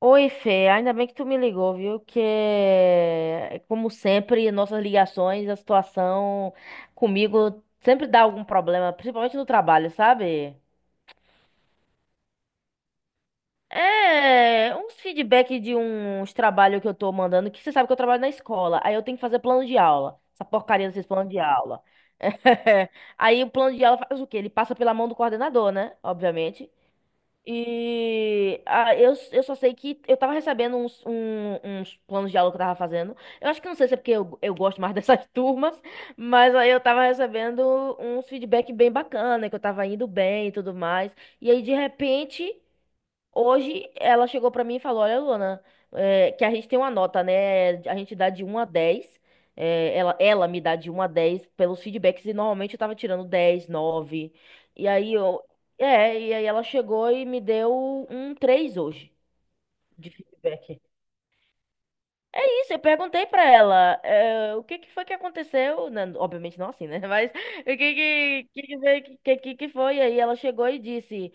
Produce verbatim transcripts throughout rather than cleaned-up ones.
Oi, Fê, ainda bem que tu me ligou, viu? Que, como sempre, nossas ligações, a situação comigo sempre dá algum problema, principalmente no trabalho, sabe? É, uns feedback de uns trabalhos que eu tô mandando, que você sabe que eu trabalho na escola, aí eu tenho que fazer plano de aula, essa porcaria desses planos de aula. Aí o plano de aula faz o quê? Ele passa pela mão do coordenador, né? Obviamente. E ah, eu, eu só sei que eu tava recebendo uns, um- uns planos de aula que eu tava fazendo. Eu acho que não sei se é porque eu, eu gosto mais dessas turmas, mas aí eu tava recebendo uns feedback bem bacana, que eu tava indo bem e tudo mais. E aí, de repente. Hoje ela chegou pra mim e falou: Olha, Luana, é, que a gente tem uma nota, né? A gente dá de um a dez. é, ela, ela me dá de um a dez pelos feedbacks e normalmente eu tava tirando dez, nove. E aí eu. É, e aí ela chegou e me deu um três hoje de feedback. Isso, eu perguntei pra ela, eh, o que que foi que aconteceu, né? Obviamente não assim, né? Mas o que que, que, que, foi- que, que que foi? Aí ela chegou e disse: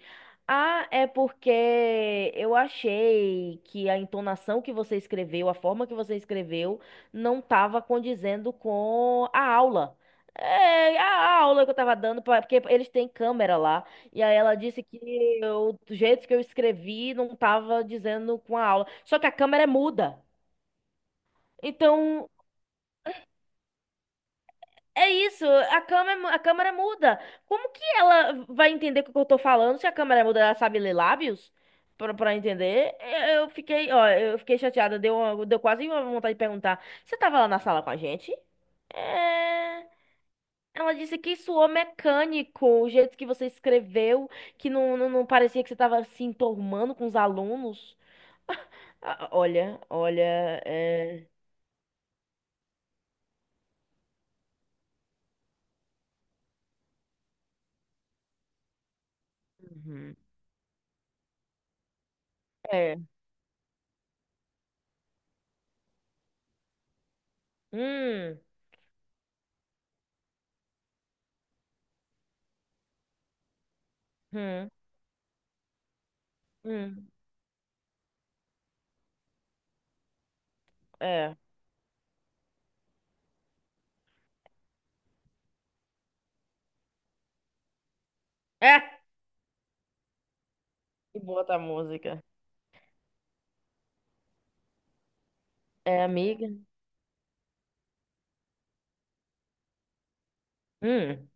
Ah, é porque eu achei que a entonação que você escreveu, a forma que você escreveu, não estava condizendo com a aula. É, a aula que eu tava dando, pra- porque eles têm câmera lá. E aí ela disse que eu- o jeito que eu escrevi não tava dizendo com a aula. Só que a câmera é muda. Então, é isso, a câmera, a câmera muda. Como que ela vai entender o que eu tô falando se a câmera muda? Ela sabe ler lábios? Pra, pra entender? Eu eu fiquei, ó, eu fiquei chateada, deu, uma- deu quase uma vontade de perguntar. Você tava lá na sala com a gente? É... Ela disse que suou mecânico, o jeito que você escreveu, que não, não, não parecia que você tava se enturmando com os alunos. Ah, olha, olha, é... Uhum. É. Hum, hum, hum, é. É. E boa a música. É, amiga. Hum.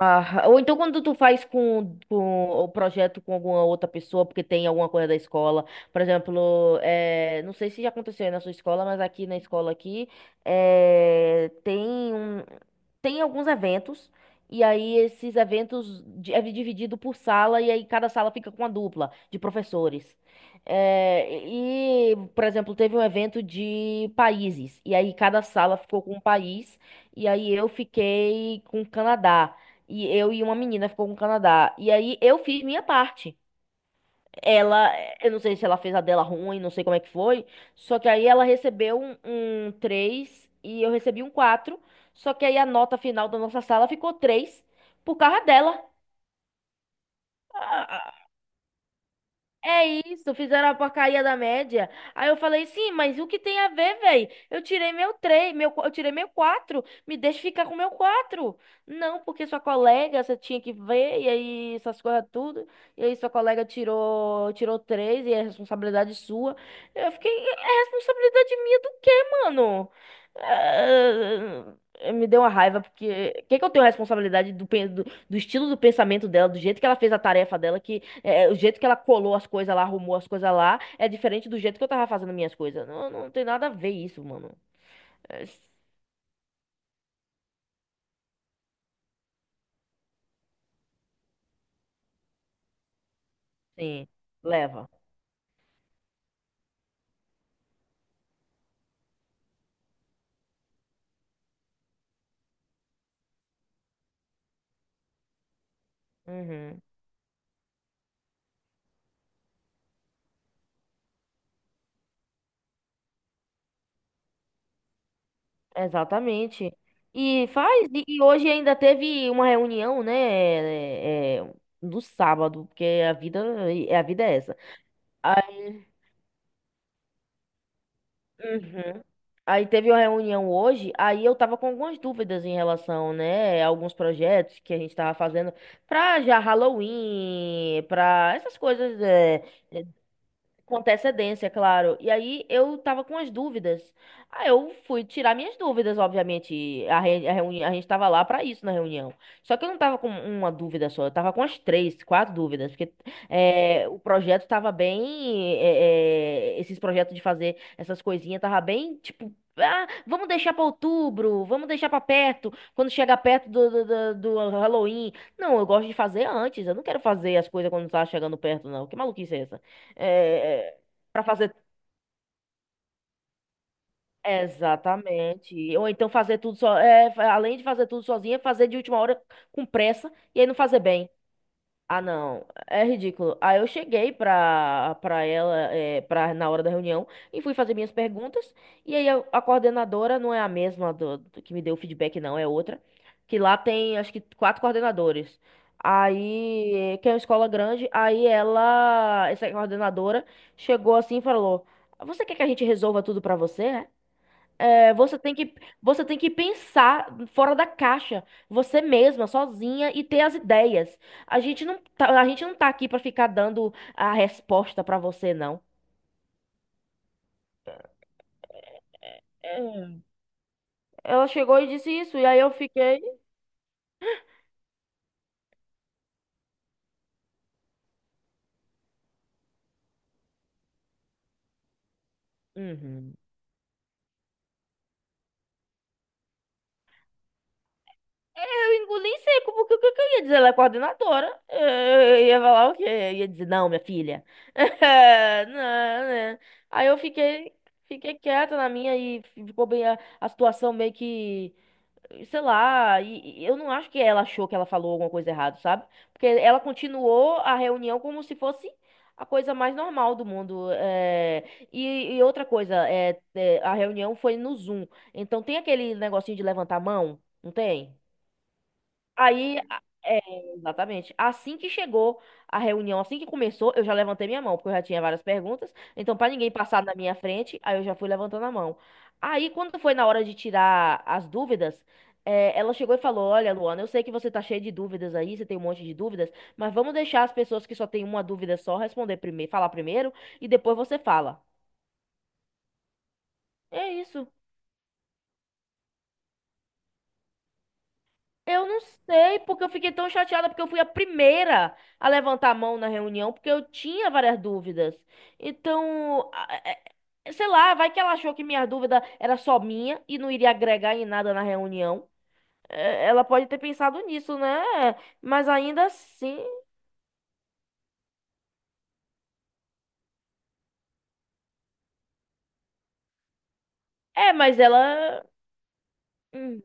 Ah, ou então quando tu faz com, com o projeto com alguma outra pessoa, porque tem alguma coisa da escola, por exemplo, eh, não sei se já aconteceu aí na sua escola, mas aqui na escola aqui eh, tem um, tem alguns eventos, e aí esses eventos di- é dividido por sala, e aí cada sala fica com uma dupla de professores. Eh, e, por exemplo, teve um evento de países, e aí cada sala ficou com um país, e aí eu fiquei com o Canadá. E eu e uma menina ficou com o Canadá. E aí eu fiz minha parte. Ela, eu não sei se ela fez a dela ruim, não sei como é que foi. Só que aí ela recebeu um, um três e eu recebi um quatro. Só que aí a nota final da nossa sala ficou três por causa dela. É isso, fizeram a porcaria da média. Aí eu falei, sim, mas o que tem a ver, velho? Eu tirei meu três, meu, qu- eu tirei meu quatro, me deixa ficar com meu quatro? Não, porque sua colega, você tinha que ver, e aí essas coisas tudo. E aí sua colega tirou, tirou três e é responsabilidade sua. Eu fiquei, é responsabilidade minha do quê, mano? Eh, Me deu uma raiva, porque... Que que eu tenho responsabilidade do, pen- do, do estilo do pensamento dela, do jeito que ela fez a tarefa dela, é, o jeito que ela colou as coisas lá, arrumou as coisas lá, é diferente do jeito que eu tava fazendo minhas coisas. Não, não tem nada a ver isso, mano. É, sim, leva. Uhum, exatamente. E faz. E, e hoje ainda teve uma reunião, né? É, é, no sábado, porque a vida, é, a vida é essa. Uhum. Aí teve uma reunião hoje, aí eu tava com algumas dúvidas em relação, né, a alguns projetos que a gente tava fazendo pra já Halloween, pra essas coisas, é, com antecedência, claro. E aí eu tava com as dúvidas. Aí eu fui tirar minhas dúvidas, obviamente. A, re- a, reuni a gente tava lá pra isso na reunião. Só que eu não tava com uma dúvida só, eu tava com as três, quatro dúvidas. Porque é, o projeto tava bem. É, é, esses projetos de fazer essas coisinhas tava bem tipo. Ah, vamos deixar pra outubro, vamos deixar pra perto, quando chegar perto do, do, do do Halloween. Não, eu gosto de fazer antes, eu não quero fazer as coisas quando tá chegando perto, não. Que maluquice é essa? É, para fazer exatamente. Ou então fazer tudo só, é, além de fazer tudo sozinha, fazer de última hora com pressa e aí não fazer bem. Ah, não, é ridículo. Aí eu cheguei pra, pra ela, é, pra, na hora da reunião, e fui fazer minhas perguntas. E aí a, a coordenadora não é a mesma do, do que me deu o feedback, não, é outra. Que lá tem, acho que, quatro coordenadores. Aí, que é uma escola grande, aí ela, essa coordenadora, chegou assim e falou: Você quer que a gente resolva tudo pra você? É? É, você tem que, você tem que pensar fora da caixa, você mesma, sozinha e ter as ideias. A gente não tá, a gente não tá aqui pra ficar dando a resposta pra você, não. É. Ela chegou e disse isso, e aí eu fiquei. Uhum. Eu engoli em seco, porque o que que eu ia dizer? Ela é coordenadora. É, eu ia falar o quê? Eu ia dizer, não, minha filha. Não, né? Aí eu fiquei, fiquei quieta na minha e ficou bem a, a situação meio que. Sei lá, e, e eu não acho que ela achou que ela falou alguma coisa errada, sabe? Porque ela continuou a reunião como se fosse a coisa mais normal do mundo. É. E, e outra coisa, é, é, a reunião foi no Zoom. Então tem aquele negocinho de levantar a mão, não tem? Aí, a- é, exatamente. Assim que chegou a reunião, assim que começou, eu já levantei minha mão, porque eu já tinha várias perguntas. Então, para ninguém passar na minha frente, aí eu já fui levantando a mão. Aí, quando foi na hora de tirar as dúvidas, é, ela chegou e falou: Olha, Luana, eu sei que você tá cheia de dúvidas aí, você tem um monte de dúvidas, mas vamos deixar as pessoas que só têm uma dúvida só responder primeiro, falar primeiro, e depois você fala. É isso. Eu não sei porque eu fiquei tão chateada, porque eu fui a primeira a levantar a mão na reunião, porque eu tinha várias dúvidas. Então, a- é- é- é, sei lá, vai que ela achou que minha dúvida era só minha e não iria agregar em nada na reunião. É, ela pode ter pensado nisso, né? Mas ainda assim. É, mas ela. Hum,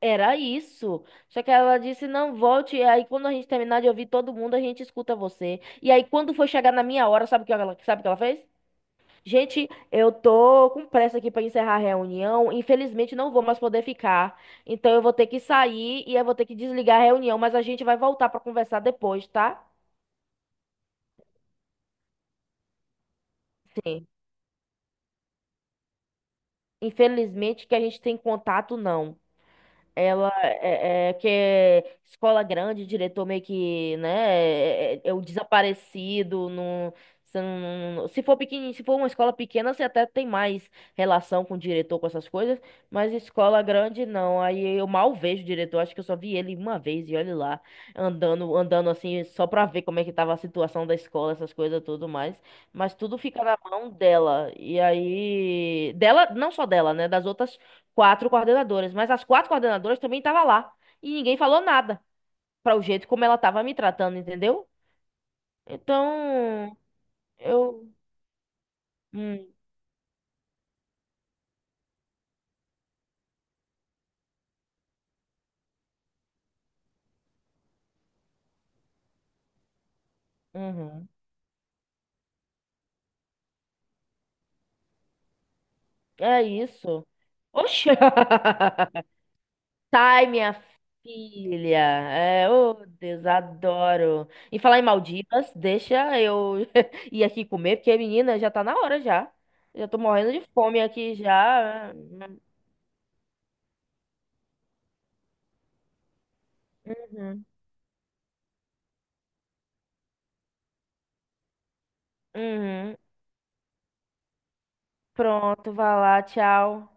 Era isso. Só que ela disse: não, volte. E aí, quando a gente terminar de ouvir todo mundo, a gente escuta você. E aí, quando foi chegar na minha hora, sabe o que ela, sabe o que ela fez? Gente, eu tô com pressa aqui para encerrar a reunião. Infelizmente, não vou mais poder ficar. Então, eu vou ter que sair e eu vou ter que desligar a reunião. Mas a gente vai voltar para conversar depois, tá? Sim. Infelizmente, que a gente tem contato, não. Ela é, é que é escola grande, diretor meio que, né, é, é é o desaparecido. No você não- não- não- Se for pequenininho, se for uma escola pequena, você até tem mais relação com o diretor, com essas coisas, mas escola grande não. Aí eu mal vejo o diretor, acho que eu só vi ele uma vez e olhe lá, andando, andando assim, só pra ver como é que tava a situação da escola, essas coisas tudo mais. Mas tudo fica na mão dela. E aí, dela, não só dela, né, das outras quatro coordenadoras, mas as quatro coordenadoras também estavam lá. E ninguém falou nada para o jeito como ela estava me tratando, entendeu? Então, eu. Hum, uhum. É isso. Oxe! Sai, minha filha. É, oh, Deus, adoro. E falar em Maldivas, deixa eu ir aqui comer, porque, menina, já tá na hora já. Já tô morrendo de fome aqui já. Uhum. Uhum. Pronto, vai lá, tchau.